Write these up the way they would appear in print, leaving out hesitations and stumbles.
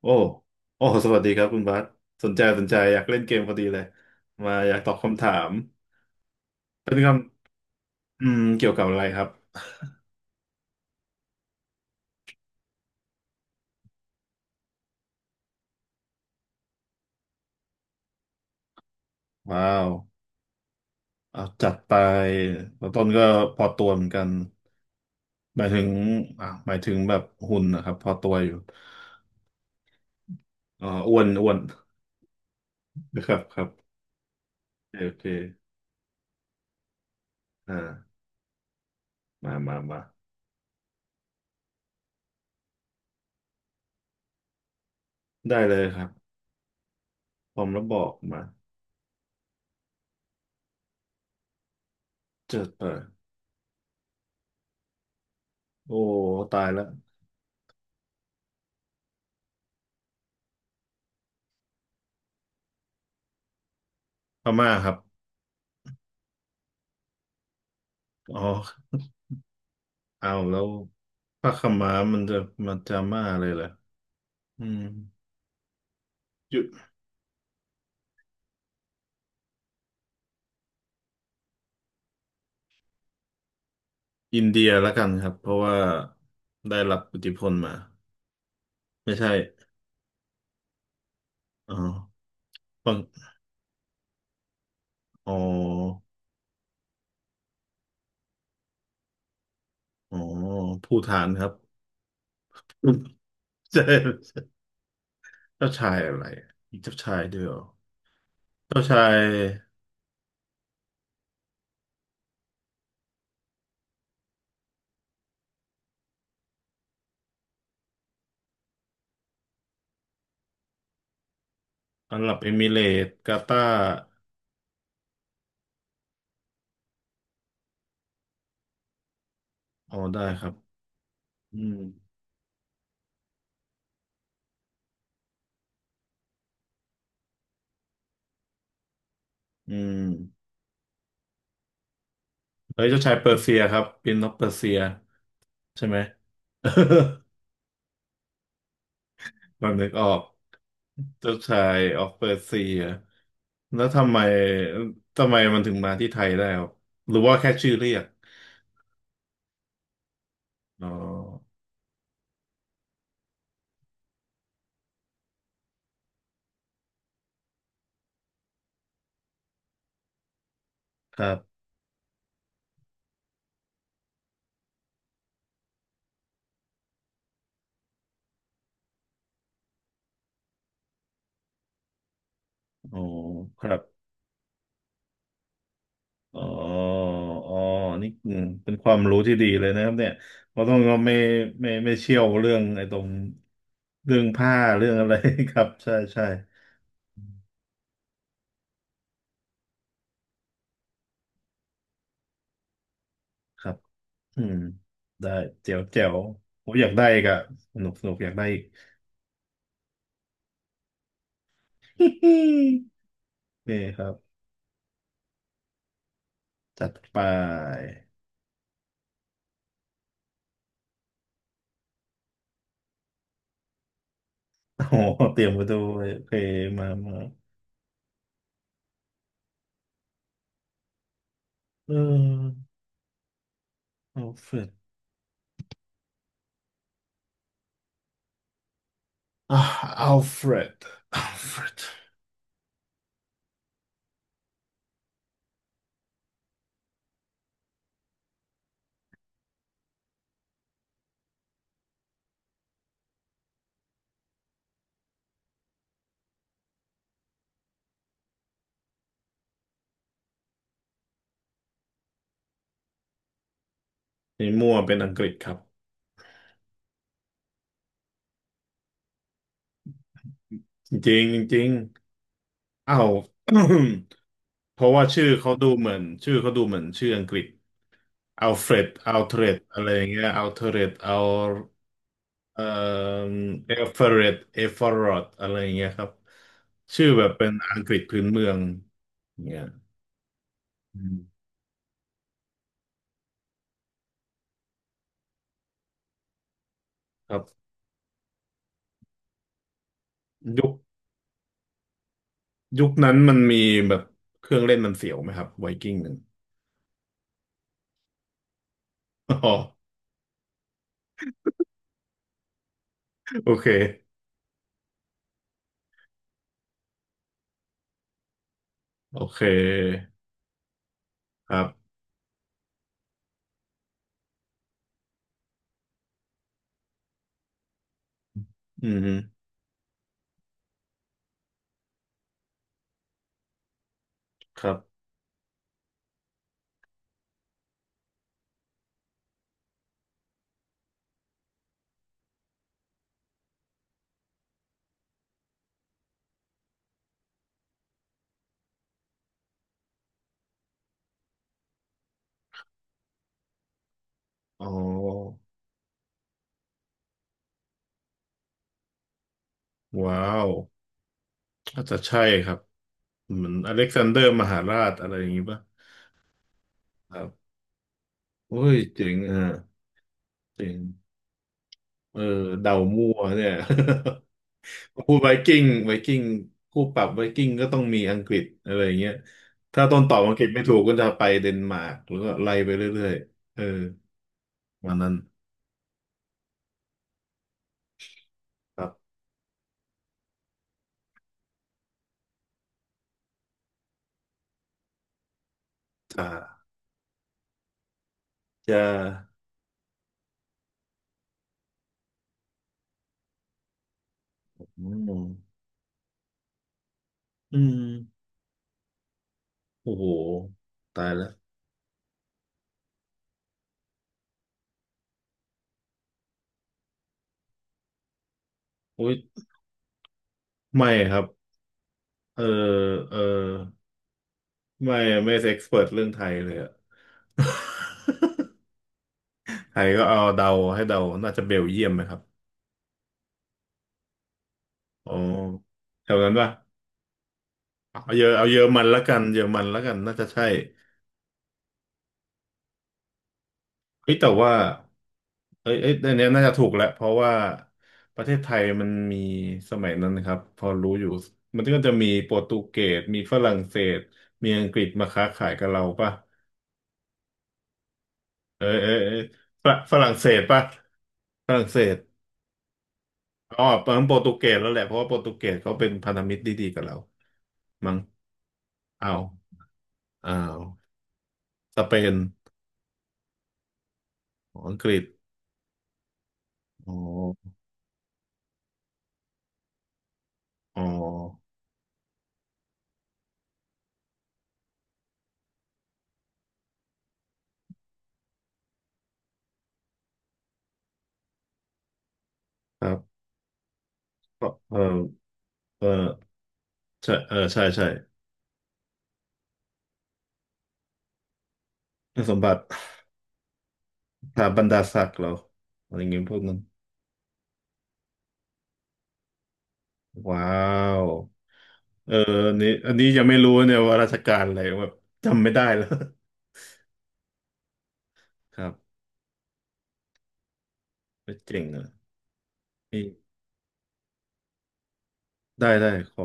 โอ้โอ้ สวัสดีครับคุณบาสสนใจสนใจอยากเล่นเกมพอดีเลยมาอยากตอบคำถามเป็นคำเกี่ยวกับอะไรครับว้าวเอาจัดไปแล้วต้นก็พอตัวเหมือนกันหมายถึงหมายถึงแบบหุ่นนะครับ พอตัวอยู่อ้วนอ้วนนะครับครับโอเคโอเคอ่ามามามาได้เลยครับพร้อมแล้วบอกมาเจิดเปิดโอ้ ตายแล้วพม่าครับอ๋อ เอาแล้วพระขาวม้ามันจะมาดาม่าเลยเหรออืมอยู่อินเดียแล้วกันครับเพราะว่าได้รับอิทธิพลมาไม่ใช่อ๋อปังอ๋ออ๋อภูฏานครับ ใช่เจ้าชายอะไรอีกเจ้าชายด้วยเหรอเจ้าชายอาหรับเอมิเรตส์กาตาร์อ๋อได้ครับอืมอืมเฮ้ยเจ้าชายเปอร์เซียครับเป็นนกเปอร์เซียใช่ไหม มันนึกออก เจ้าชายออกเปอร์เซียแล้วทำไมทำไมมันถึงมาที่ไทยได้ครับหรือว่าแค่ชื่อเรียกอ๋อครับอ๋อครับอ๋ออ๋อนี่อืมเป็นความรู้ที่ดีเลยนะครับเนี่ยเพราะต้องเราไม่ไม่เชี่ยวเรื่องไอ้ตรงเรื่องผ้าเรื่องอะไร ครับ ใช่ใช่ครับอืมได้เจ๋วเจ๋วผมอยากได้อีกอะสนุกสนุกอยากได้อีก นี่ครับจัดไป โอ้โหเตรียมมาดูเลยโอเคมามาเอออัลเฟรดอ่ะอัลเฟรดอัลเฟรดนี่มั่วเป็นอังกฤษครับจริงจริงอ้าว เพราะว่าชื่อเขาดูเหมือนชื่อเขาดูเหมือนชื่ออังกฤษอัลเฟรดอัลเทรดอะไรอย่างเงี้ยอัลเทรดอัลเอ่อเอฟเฟรดเอฟเฟรดอะไรอย่างเงี้ยครับชื่อแบบเป็นอังกฤษพื้นเมืองอย่างเงี้ยอืมครับยุค ยุคนั้นมันมีแบบเครื่องเล่นมันเสียวไหมครับไวกิ้งหนึ่ง อ๋อโอเคโอเคครับอืมฮึครับอ๋อว้าวอาจจะใช่ครับเหมือนอเล็กซานเดอร์มหาราชอะไรอย่างงี้ป่ะครับโอ้ยเจ๋งอ่ะเจ๋งเออเดามั่วเนี่ย พูดไวกิ้งไวกิ้งคู่ปรับไวกิ้งก็ต้องมีอังกฤษอะไรอย่างเงี้ยถ้าต้นตอบอังกฤษไม่ถูกก็จะไปเดนมาร์กหรือก็ไล่ไปเรื่อยๆเออวันนั้นครับ อ่าจะอืมอืมโอ้โห ตายแล้วอุ้ย ไม่ครับ เออเออไม่ไม่เอ็กซ์เพรสเรื่องไทยเลยอะ ไทยก็เอาเดาให้เดาน่าจะเบลเยียมไหมครับ อ๋อแถวนั้นป่ะเอาเยอเอาเยอรมันละกันเยอรมันละกันน่าจะใช่เฮ้ยแต่ว่า เอ้ยเอ้ยอันเนี้ยน่าจะถูกแหละเพราะว่าประเทศไทยมันมีสมัยนั้นนะครับพอรู้อยู่มันก็จะมีโปรตุเกสมีฝรั่งเศสมีอังกฤษมาค้าขายกับเราป่ะเอ้ยเอ้ยเอ้ยฝรฝรั่งเศสป่ะฝรั่งเศสอ๋อเปิดโปรตุเกสแล้วแหละเพราะว่าโปรตุเกสเขาเป็นพันธมิตรดีๆกับเรามั้งอ้าวอ้าวสเปนอ๋ออังกฤษอ๋ออ๋อครับเออเออใช่เออใช่ใช่คุณสมบัติ สถาบรรดาศักดิ์เหรออะไรเงี้ยพวกนั้นว้าวเอออันนี้อันนี้ยังไม่รู้เนี่ยว่าราชการอะไรแบบจำไม่ได้แล้ว ครับไม่เจ๋งอ่ะนี่ได้ได้ขอ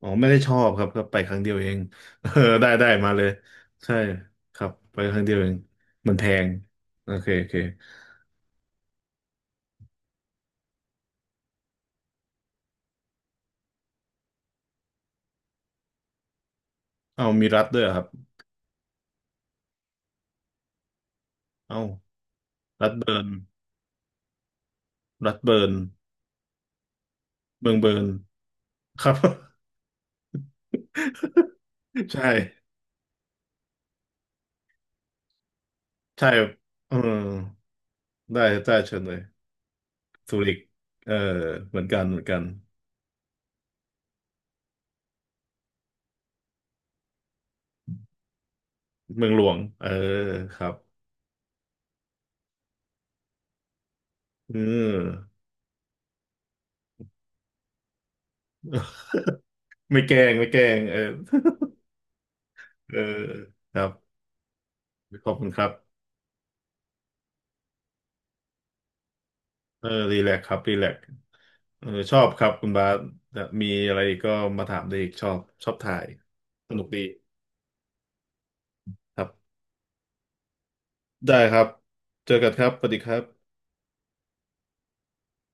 อ๋อไม่ได้ชอบครับก็ไปครั้งเดียวเอง เออได้ได้มาเลยใช่ครับไปครั้งเดียวเองมันแพงโอเคโอเคเอามีรัฐด้วยเหรอครับเอารัฐเบิร์นรัฐเบิร์นเมืองเบิร์นครับ ใช่ใช่เออได้ได้เชิญเลย ซูริกเออเหมือนกันเหมือนกันเมืองหลวงเออครับเออไม่แกล้งไม่แกล้งเออเออครับขอบคุณครับเออรีแลกครับรีแลกเออชอบครับคุณบาสมีอะไรก็มาถามได้อีกชอบชอบถ่าย สนุกดีครับได้ครับ เจอกันครับสวัสดีครับ